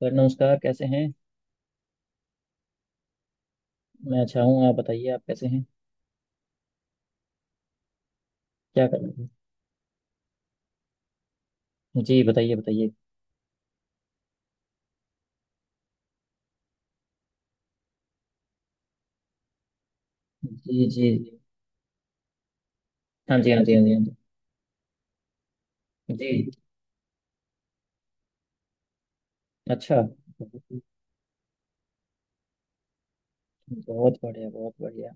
Sir नमस्कार, कैसे हैं? मैं अच्छा हूँ, आप बताइए, आप कैसे हैं? क्या कर रहे थे जी? बताइए बताइए। जी जी जी। हाँ जी, हाँ जी, हाँ जी, हाँ। जी जी। अच्छा। बहुत बढ़िया, बहुत बढ़िया।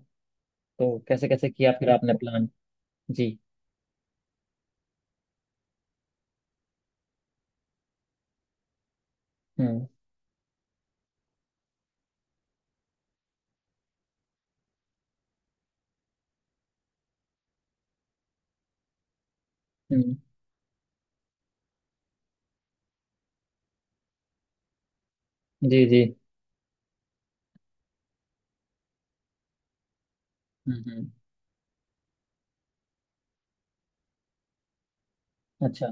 तो कैसे कैसे किया फिर आपने प्लान? जी। हम्म हम्म। जी जी। हम्म। अच्छा।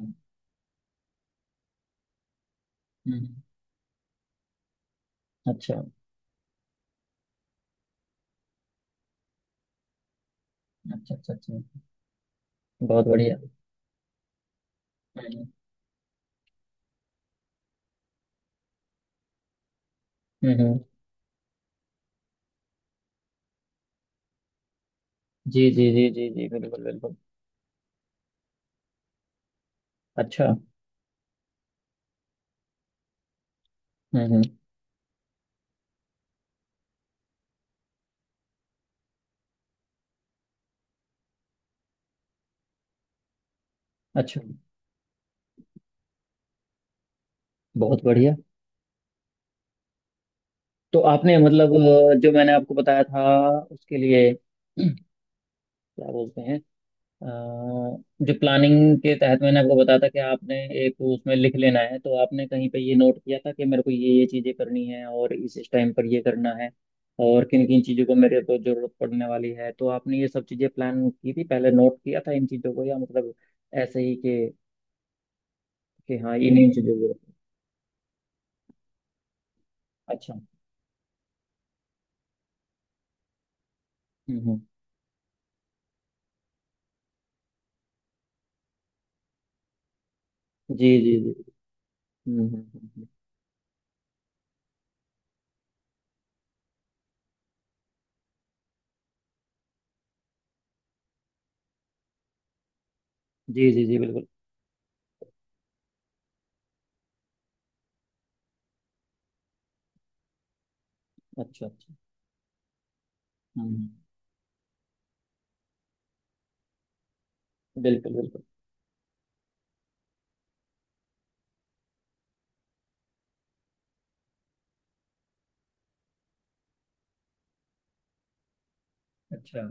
हम्म। अच्छा अच्छा अच्छा। अच्छा। बहुत बढ़िया। हम्म हम्म। जी जी जी जी जी, बिल्कुल बिल्कुल। अच्छा। हम्म। अच्छा। बहुत बढ़िया। तो आपने मतलब जो मैंने आपको बताया था उसके लिए क्या बोलते हैं, अ, जो प्लानिंग के तहत मैंने आपको बताया था कि आपने एक उसमें लिख लेना है। तो आपने कहीं पे ये नोट किया था कि मेरे को ये चीज़ें करनी है और इस टाइम पर ये करना है, और किन किन चीज़ों को मेरे को जरूरत पड़ने वाली है। तो आपने ये सब चीज़ें प्लान की थी, पहले नोट किया था इन चीज़ों को, या मतलब ऐसे ही कि हाँ इन्हीं चीज़ों को। अच्छा। हम्म। जी जी जी। हम्म हम्म हम्म, हम्म। जी जी जी, बिल्कुल। अच्छा अच्छा। हम्म हम्म। बिल्कुल बिल्कुल। अच्छा।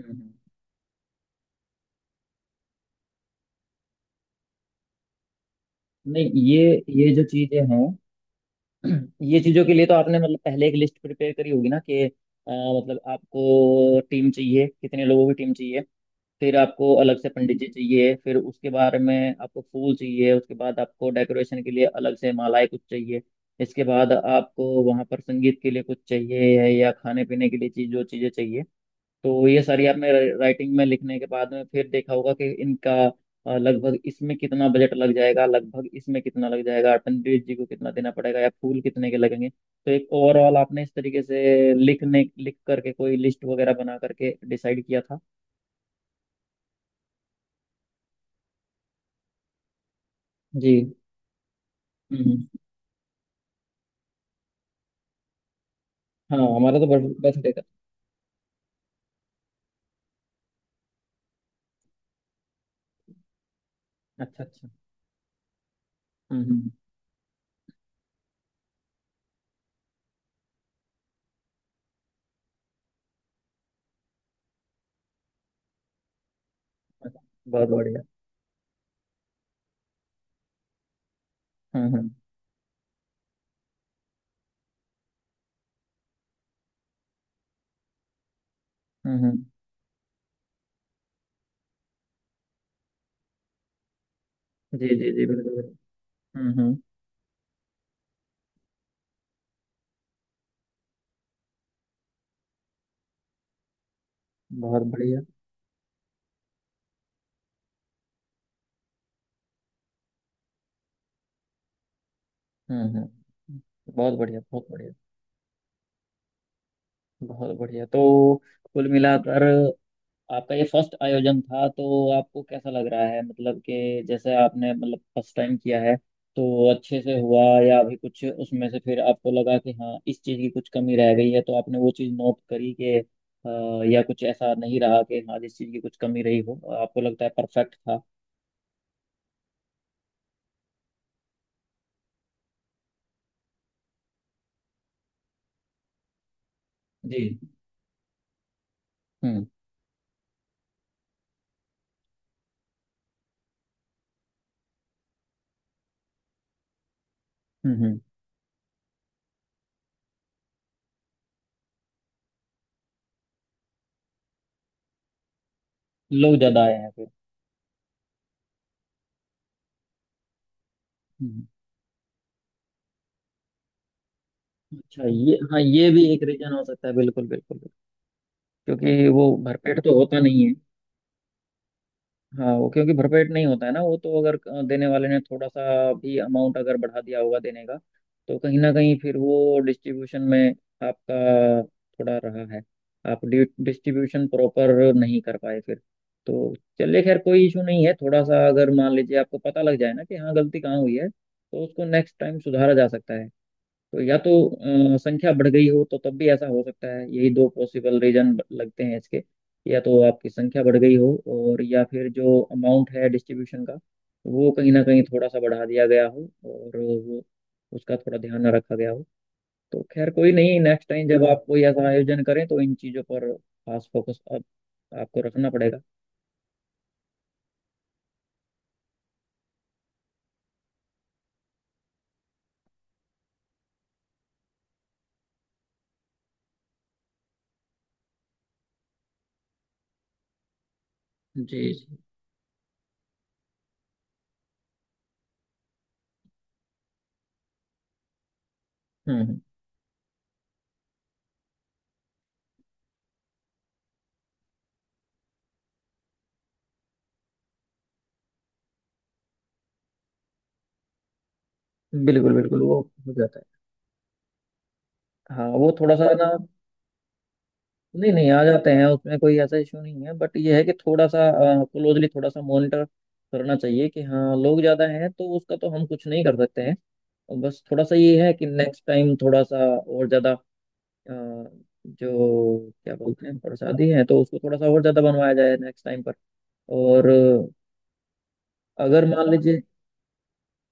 हम्म। नहीं ये, ये जो चीजें हैं ये चीजों के लिए तो आपने मतलब पहले एक लिस्ट प्रिपेयर करी होगी ना कि मतलब आपको टीम चाहिए, कितने लोगों की टीम चाहिए, फिर आपको अलग से पंडित जी चाहिए, फिर उसके बारे में आपको फूल चाहिए, उसके बाद आपको डेकोरेशन के लिए अलग से मालाएं कुछ चाहिए, इसके बाद आपको वहां पर संगीत के लिए कुछ चाहिए या खाने पीने के लिए चीज जो चीजें चाहिए। तो ये सारी आपने राइटिंग में लिखने के बाद में फिर देखा होगा कि इनका लगभग इसमें कितना बजट लग जाएगा, लगभग इसमें कितना लग जाएगा, पंडित जी को कितना देना पड़ेगा या फूल कितने के लगेंगे, तो एक ओवरऑल आपने इस तरीके से लिखने लिख करके कोई लिस्ट वगैरह बना करके डिसाइड किया था। जी। हम्म। हाँ हमारा तो बर्थडे का। अच्छा अच्छा। हम्म। अच्छा। बहुत बढ़िया। हम्म हम्म हम्म। जी जी जी, बिल्कुल बिल्कुल। हम्म। बहुत बढ़िया। हम्म। बहुत बढ़िया, बहुत बढ़िया। बहुत बढ़िया। तो कुल मिलाकर आपका ये फर्स्ट आयोजन था, तो आपको कैसा लग रहा है? मतलब कि जैसे आपने मतलब फर्स्ट टाइम किया है तो अच्छे से हुआ, या अभी कुछ उसमें से फिर आपको लगा कि हाँ इस चीज़ की कुछ कमी रह गई है तो आपने वो चीज़ नोट करी कि या कुछ ऐसा नहीं रहा, कि हाँ जिस चीज़ की कुछ कमी रही हो, आपको लगता है परफेक्ट था? जी। हम्म हम्म हम्म। लोग ज्यादा आए हैं फिर? हम्म। अच्छा ये, हाँ ये भी एक रीजन हो सकता है, बिल्कुल बिल्कुल बिल्कुल। क्योंकि वो भरपेट तो होता नहीं। हाँ वो क्योंकि भरपेट नहीं होता है ना वो, तो अगर देने वाले ने थोड़ा सा भी अमाउंट अगर बढ़ा दिया होगा देने का, तो कहीं ना कहीं फिर वो डिस्ट्रीब्यूशन में आपका थोड़ा रहा है, आप डिस्ट्रीब्यूशन प्रॉपर नहीं कर पाए फिर। तो चलिए, खैर कोई इशू नहीं है। थोड़ा सा अगर मान लीजिए आपको पता लग जाए ना कि हाँ गलती कहाँ हुई है तो उसको नेक्स्ट टाइम सुधारा जा सकता है। तो या तो संख्या बढ़ गई हो तो तब भी ऐसा हो सकता है, यही दो पॉसिबल रीजन लगते हैं इसके, या तो आपकी संख्या बढ़ गई हो, और या फिर जो अमाउंट है डिस्ट्रीब्यूशन का वो कहीं ना कहीं थोड़ा सा बढ़ा दिया गया हो, और वो, उसका थोड़ा ध्यान ना रखा गया हो। तो खैर कोई नहीं, नेक्स्ट टाइम जब आप कोई ऐसा आयोजन करें तो इन चीज़ों पर खास फोकस अब आपको रखना पड़ेगा। जी जी। हम्म बिल्कुल बिल्कुल। वो हो जाता है। हाँ वो थोड़ा सा ना, नहीं नहीं, आ जाते हैं उसमें, कोई ऐसा इशू नहीं है, बट ये है कि थोड़ा सा क्लोजली थोड़ा सा मॉनिटर करना चाहिए, कि हाँ लोग ज़्यादा हैं तो उसका तो हम कुछ नहीं कर सकते हैं, और बस थोड़ा सा ये है कि नेक्स्ट टाइम थोड़ा सा और ज़्यादा जो क्या बोलते हैं प्रसादी है तो उसको थोड़ा सा और ज़्यादा बनवाया जाए नेक्स्ट टाइम पर। और अगर मान लीजिए,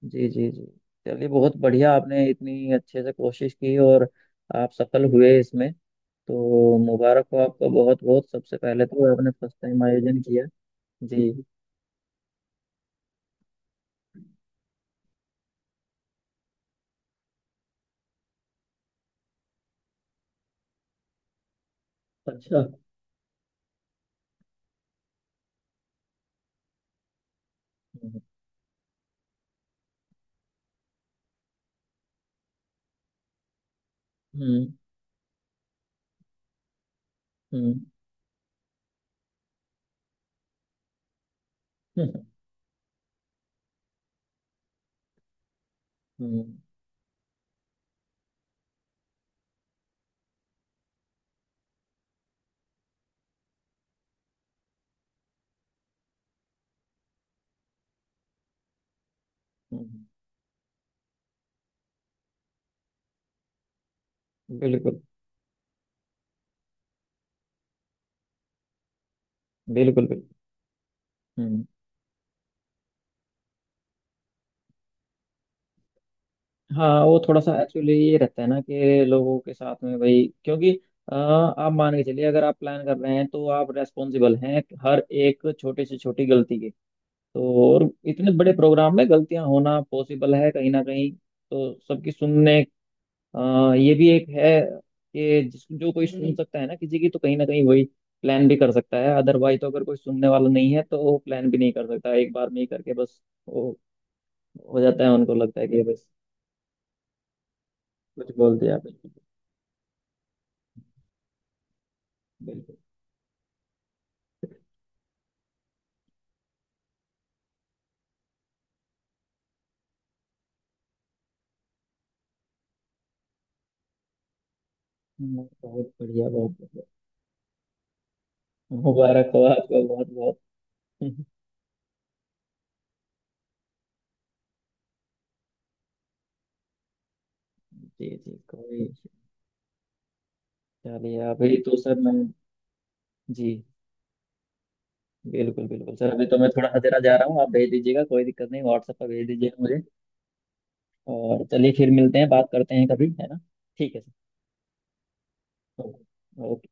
जी जी जी, चलिए बहुत बढ़िया, आपने इतनी अच्छे से कोशिश की और आप सफल हुए इसमें, तो मुबारक हो आपका, बहुत बहुत, सबसे पहले तो आपने फर्स्ट टाइम आयोजन किया। जी। अच्छा। हम्म हम्म हम्म हम्म, हम्म, बिल्कुल बिल्कुल बिल्कुल। हम्म। हाँ वो थोड़ा सा एक्चुअली ये रहता है ना, कि लोगों के साथ में भाई, क्योंकि आप मान के चलिए, अगर आप प्लान कर रहे हैं तो आप रेस्पॉन्सिबल हैं हर एक छोटे से छोटी गलती के, तो और इतने बड़े प्रोग्राम में गलतियां होना पॉसिबल है कहीं ना कहीं, तो सबकी सुनने ये भी एक है कि जिस जो कोई सुन सकता है ना किसी की तो कहीं ना कहीं वही प्लान भी कर सकता है, अदरवाइज तो अगर कोई सुनने वाला नहीं है तो वो प्लान भी नहीं कर सकता एक बार में ही करके, बस वो हो जाता है, उनको लगता है कि ये बस कुछ बोल दिया। बिल्कुल बिल्कुल। बहुत बढ़िया, बहुत बढ़िया। मुबारक हो आपको बहुत बहुत। जी जी, कोई इशू। चलिए अभी तो सर मैं, जी, बिल्कुल बिल्कुल सर, अभी तो मैं थोड़ा अधेरा जा रहा हूँ, आप भेज दीजिएगा, कोई दिक्कत नहीं, व्हाट्सएप पर भेज दीजिएगा मुझे। और चलिए फिर मिलते हैं, बात करते हैं कभी, है ना? ठीक है सर, ओके।